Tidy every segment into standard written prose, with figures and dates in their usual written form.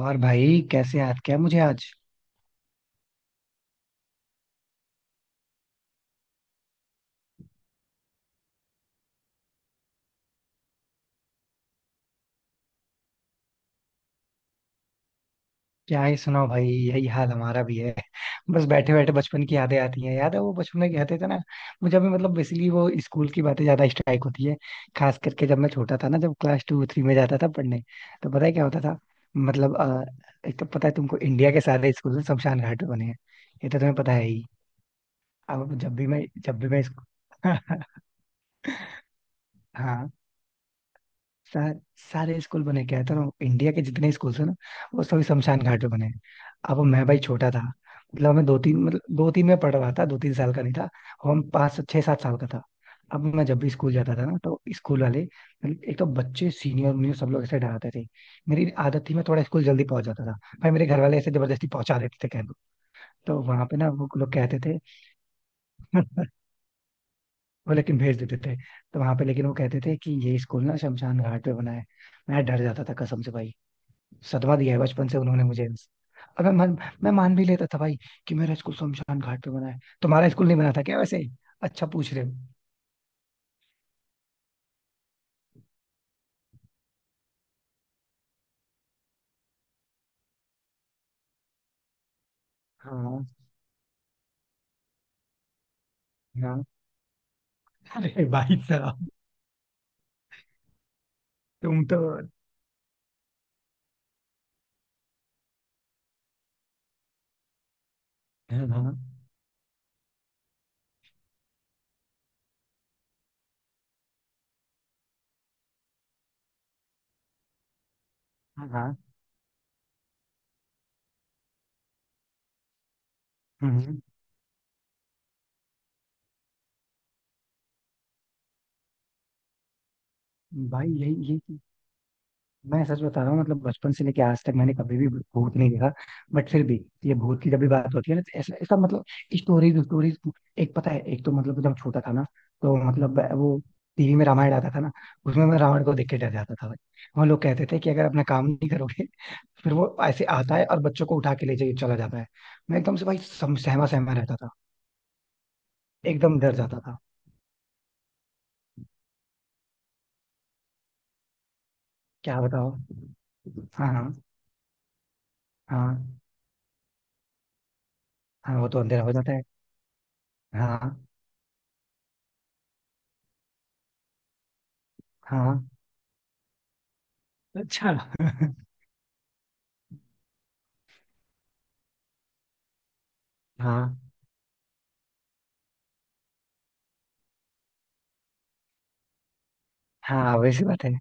और भाई कैसे याद किया मुझे आज? क्या ही सुनाओ भाई, यही हाल हमारा भी है। बस बैठे बैठे बचपन की यादें आती हैं। याद है वो बचपन में कहते थे ना। मुझे अभी मतलब बेसिकली वो स्कूल की बातें ज्यादा स्ट्राइक होती है। खास करके जब मैं छोटा था ना, जब क्लास टू थ्री में जाता था पढ़ने। तो पता है क्या होता था। मतलब एक तो पता है तुमको इंडिया के सारे स्कूल ना शमशान घाट पे बने हैं। ये तो तुम्हें पता है ही। अब जब भी मैं स्कूल। हाँ। सा, सारे स्कूल बने क्या है तो ना, इंडिया के जितने स्कूल है ना वो सभी शमशान घाट पे बने हैं। अब मैं भाई छोटा था। मतलब मैं दो तीन में पढ़ रहा था, 2 3 साल का नहीं था। और हम 5 6 7 साल का था। अब मैं जब भी स्कूल जाता था ना तो स्कूल वाले मतलब एक तो बच्चे सीनियर मुझे सब लोग ऐसे डराते थे। मेरी आदत थी मैं थोड़ा स्कूल जल्दी पहुंच जाता था। भाई मेरे घर वाले ऐसे जबरदस्ती पहुंचा देते थे कह दो। तो वहां पे ना वो लोग कहते थे। वो लेकिन भेज देते थे। तो वहां पे लेकिन वो कहते थे कि ये स्कूल ना शमशान घाट पे बना है। मैं डर जाता था कसम से भाई। सदमा दिया है बचपन से उन्होंने मुझे। और मैं मान भी लेता था भाई कि मेरा स्कूल शमशान घाट पे बना है। तुम्हारा स्कूल नहीं बना था क्या वैसे? अच्छा पूछ रहे हो। हाँ हाँ, अरे भाई साहब। तुम तो। हाँ हाँ हाँ, हम्म, भाई यही यही मैं सच बता रहा हूँ। मतलब बचपन से लेके आज तक मैंने कभी भी भूत नहीं देखा। बट फिर भी ये भूत की जब भी बात होती है ना तो ऐसा इसका मतलब स्टोरीज स्टोरीज। एक पता है, एक तो मतलब जब छोटा था ना तो मतलब वो टीवी में रामायण आता था ना। उसमें मैं रावण को देख के डर जाता था भाई। वो लोग कहते थे कि अगर अपना काम नहीं करोगे फिर वो ऐसे आता है और बच्चों को उठा के ले जाके चला जाता है। मैं एकदम से भाई सहमा सहमा रहता था। एकदम डर जाता था। क्या बताओ? हाँ हाँ। हाँ हाँ, वो तो अंधेरा हो जाता है। हाँ हाँ। अच्छा। हाँ हाँ, वैसी बात है।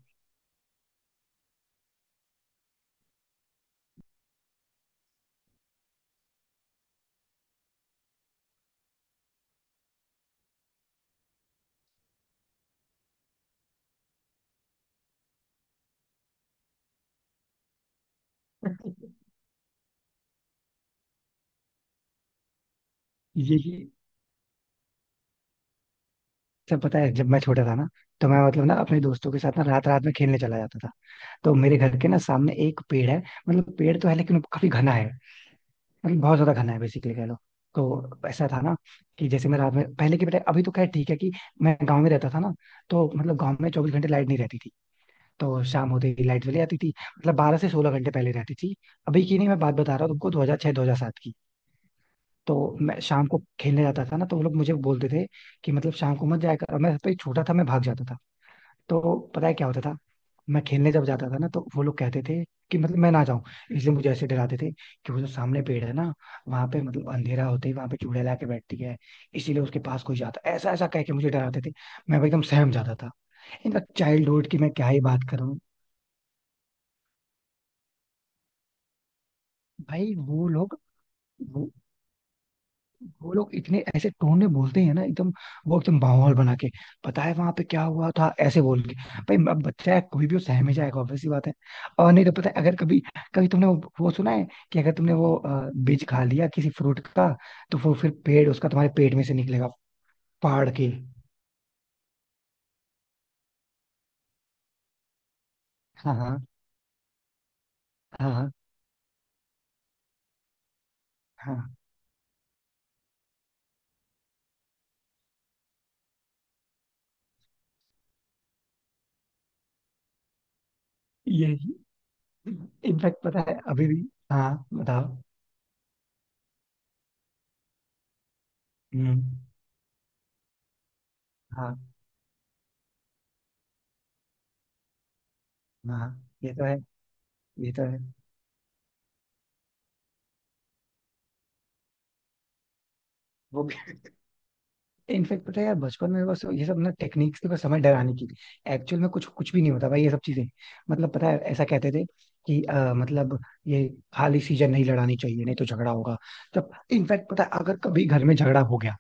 यही सब पता है जब मैं छोटा था ना तो मैं मतलब ना अपने दोस्तों के साथ ना रात रात में खेलने चला जाता था। तो मेरे घर के ना सामने एक पेड़ है। मतलब पेड़ तो है लेकिन वो काफी घना है। मतलब बहुत ज्यादा घना है बेसिकली कह लो। तो ऐसा था ना कि जैसे मैं रात में पहले की बेटा अभी तो खैर ठीक है कि मैं गांव में रहता था ना। तो मतलब गांव में 24 घंटे लाइट नहीं रहती थी। तो शाम होते ही लाइट चली जाती थी। मतलब 12 से 16 घंटे पहले रहती थी। अभी की नहीं मैं बात बता रहा हूँ तुमको 2006 2007 की। तो मैं शाम को खेलने जाता था ना तो वो लोग मुझे बोलते थे कि मतलब शाम को मत जाया कर। और मैं सबसे छोटा था, मैं भाग जाता था। तो पता है क्या होता था। मैं खेलने जब जाता था ना तो वो लोग कहते थे कि मतलब मैं ना जाऊं। इसलिए मुझे ऐसे डराते थे कि वो जो सामने पेड़ है ना, वहां पे मतलब अंधेरा होते ही वहां पे चुड़ैल आके बैठती है। इसीलिए उसके पास कोई जाता, ऐसा ऐसा कह के मुझे डराते थे। मैं एकदम सहम जाता था। इनका चाइल्डहुड की मैं क्या ही बात करूं। भाई वो लोग इतने ऐसे टोन में बोलते हैं ना एकदम। वो एकदम माहौल बना के पता है वहां पे क्या हुआ था ऐसे बोल के। भाई अब बच्चा है कोई भी वो सहम ही जाएगा, obvious सी बात है। और नहीं तो पता है अगर कभी कभी तुमने वो सुना है कि अगर तुमने वो बीज खा लिया किसी फ्रूट का? तो वो फिर पेड़ उसका तुम्हारे पेट में से निकलेगा फाड़ के। हाँ हाँ हाँ हाँ हाँ। ये इनफैक्ट पता है अभी भी। हाँ बताओ। हम्म। हाँ हाँ। ये तो है। ये तो है। वो भी। इनफेक्ट पता है यार बचपन में बस ये सब ना टेक्निक्स थी बस हमें डराने की। एक्चुअल में कुछ कुछ भी नहीं होता भाई ये सब चीजें। मतलब पता है ऐसा कहते थे कि मतलब ये खाली सीजन नहीं लड़ानी चाहिए नहीं तो झगड़ा होगा। जब इनफैक्ट पता है अगर कभी घर में झगड़ा हो गया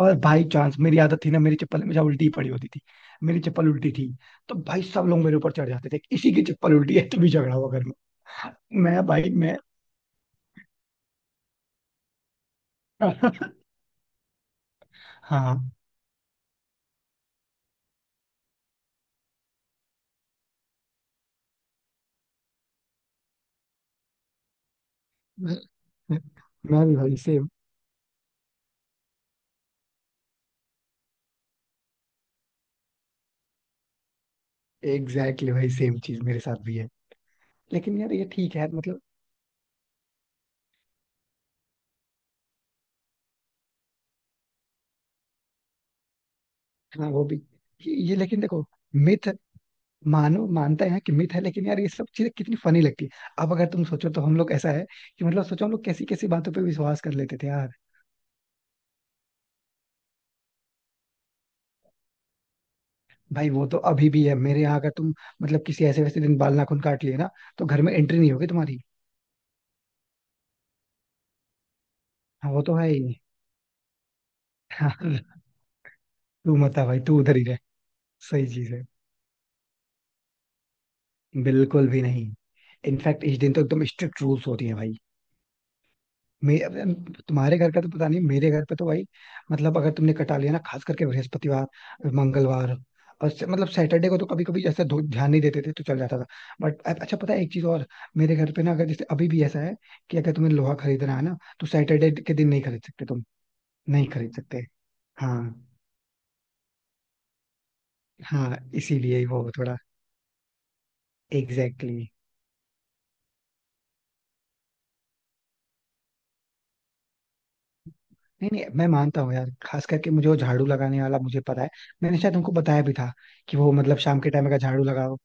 और बाई चांस मेरी आदत थी ना मेरी चप्पल हमेशा उल्टी पड़ी होती थी। मेरी चप्पल उल्टी थी। तो भाई सब लोग मेरे ऊपर चढ़ जाते थे, इसी की चप्पल उल्टी है तभी झगड़ा हुआ घर में। मैं भाई मैं। हाँ। मैं मैं भी भाई सेम। एग्जैक्टली भाई, सेम चीज मेरे साथ भी है। लेकिन यार ये ठीक है मतलब। हाँ वो भी। ये लेकिन देखो। मिथ। मानो मानते हैं कि मिथ है लेकिन यार ये सब चीजें कितनी फनी लगती है। अब अगर तुम सोचो तो हम लोग ऐसा है कि मतलब सोचो हम लोग कैसी कैसी बातों पे विश्वास कर लेते थे यार। भाई वो तो अभी भी है मेरे यहाँ अगर तुम मतलब किसी ऐसे वैसे दिन बाल नाखून काट लिए ना तो घर में एंट्री नहीं होगी तुम्हारी। हाँ वो तो है ही। हाँ, तू मत आ भाई तू उधर ही रह। सही चीज है। बिल्कुल भी नहीं। इनफैक्ट इस दिन तो एकदम स्ट्रिक्ट रूल्स होती है भाई। अब तुम्हारे घर का तो पता नहीं मेरे घर पे तो भाई मतलब अगर तुमने कटा लिया ना खास करके बृहस्पतिवार मंगलवार और मतलब सैटरडे को तो कभी कभी ऐसा ध्यान नहीं देते थे तो चल जाता था। बट अच्छा पता है एक चीज और। मेरे घर पे ना अगर जैसे अभी भी ऐसा है कि अगर तुम्हें लोहा खरीदना है ना तो सैटरडे के दिन नहीं खरीद सकते तुम। नहीं खरीद सकते। हाँ हाँ इसीलिए वो थोड़ा। Exactly exactly। नहीं नहीं मैं मानता हूँ यार, खास करके मुझे वो झाड़ू लगाने वाला मुझे पता है। मैंने शायद उनको बताया भी था कि वो मतलब शाम के टाइम अगर झाड़ू लगाओ।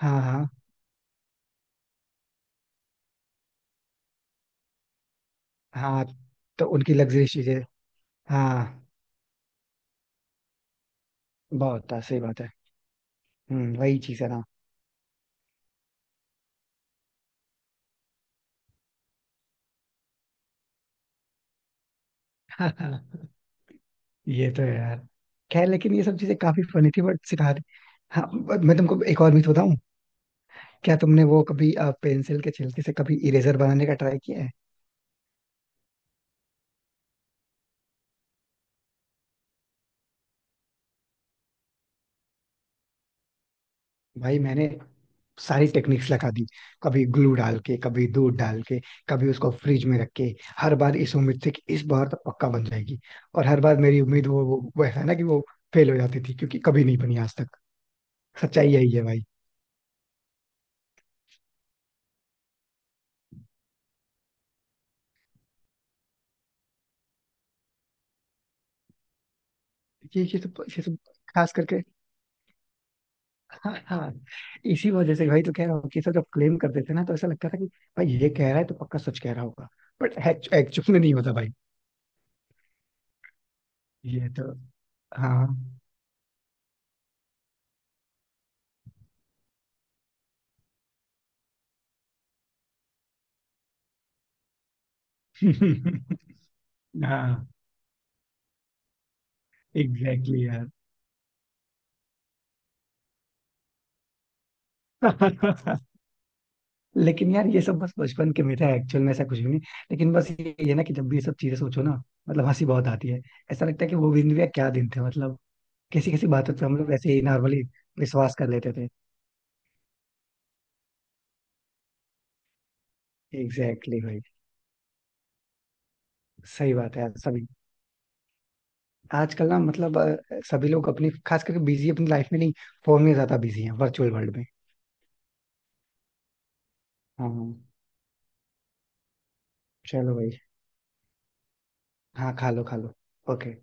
हाँ हाँ हाँ। तो उनकी लग्जरियस चीजें। हाँ बहुत था, सही बात है। वही चीज है ना। ये तो है यार। खैर लेकिन ये सब चीजें काफी फनी थी बट सिखा दी। हाँ। but मैं तुमको एक और मिथ बताऊं? क्या तुमने वो कभी पेंसिल के छिलके से कभी इरेजर बनाने का ट्राई किया है? भाई मैंने सारी टेक्निक्स लगा दी। कभी ग्लू डाल के कभी दूध डाल के कभी उसको फ्रिज में रख के हर बार इस उम्मीद से कि इस बार तो पक्का बन जाएगी। और हर बार मेरी उम्मीद वो वैसा ना कि वो फेल हो जाती थी क्योंकि कभी नहीं बनी आज तक। सच्चाई यही है भाई। ये सब खास करके। हाँ हाँ। इसी वजह से भाई तो कह रहा हूँ कि ये सब जब क्लेम करते थे ना तो ऐसा लगता था कि भाई ये कह रहा है तो पक्का सच कह रहा होगा। बट एक्चुअल में नहीं होता भाई। ये तो हाँ। हाँ एग्जैक्टली यार। लेकिन यार ये सब बस बचपन के मिथ है, एक्चुअल में ऐसा कुछ भी नहीं। लेकिन बस ये ना कि जब भी ये सब चीजें सोचो ना मतलब हंसी बहुत आती है। ऐसा लगता है कि वो दिन भी यार, क्या दिन थे मतलब कैसी कैसी बातों पे हम लोग ऐसे ही नॉर्मली विश्वास कर लेते थे। Exactly exactly। सही बात है यार सभी। आजकल ना मतलब सभी लोग अपनी खास करके बिजी अपनी लाइफ में नहीं, फोन में ज्यादा बिजी हैं वर्चुअल वर्ल्ड में। हाँ हाँ। चलो भाई। हाँ खा लो खा लो। ओके।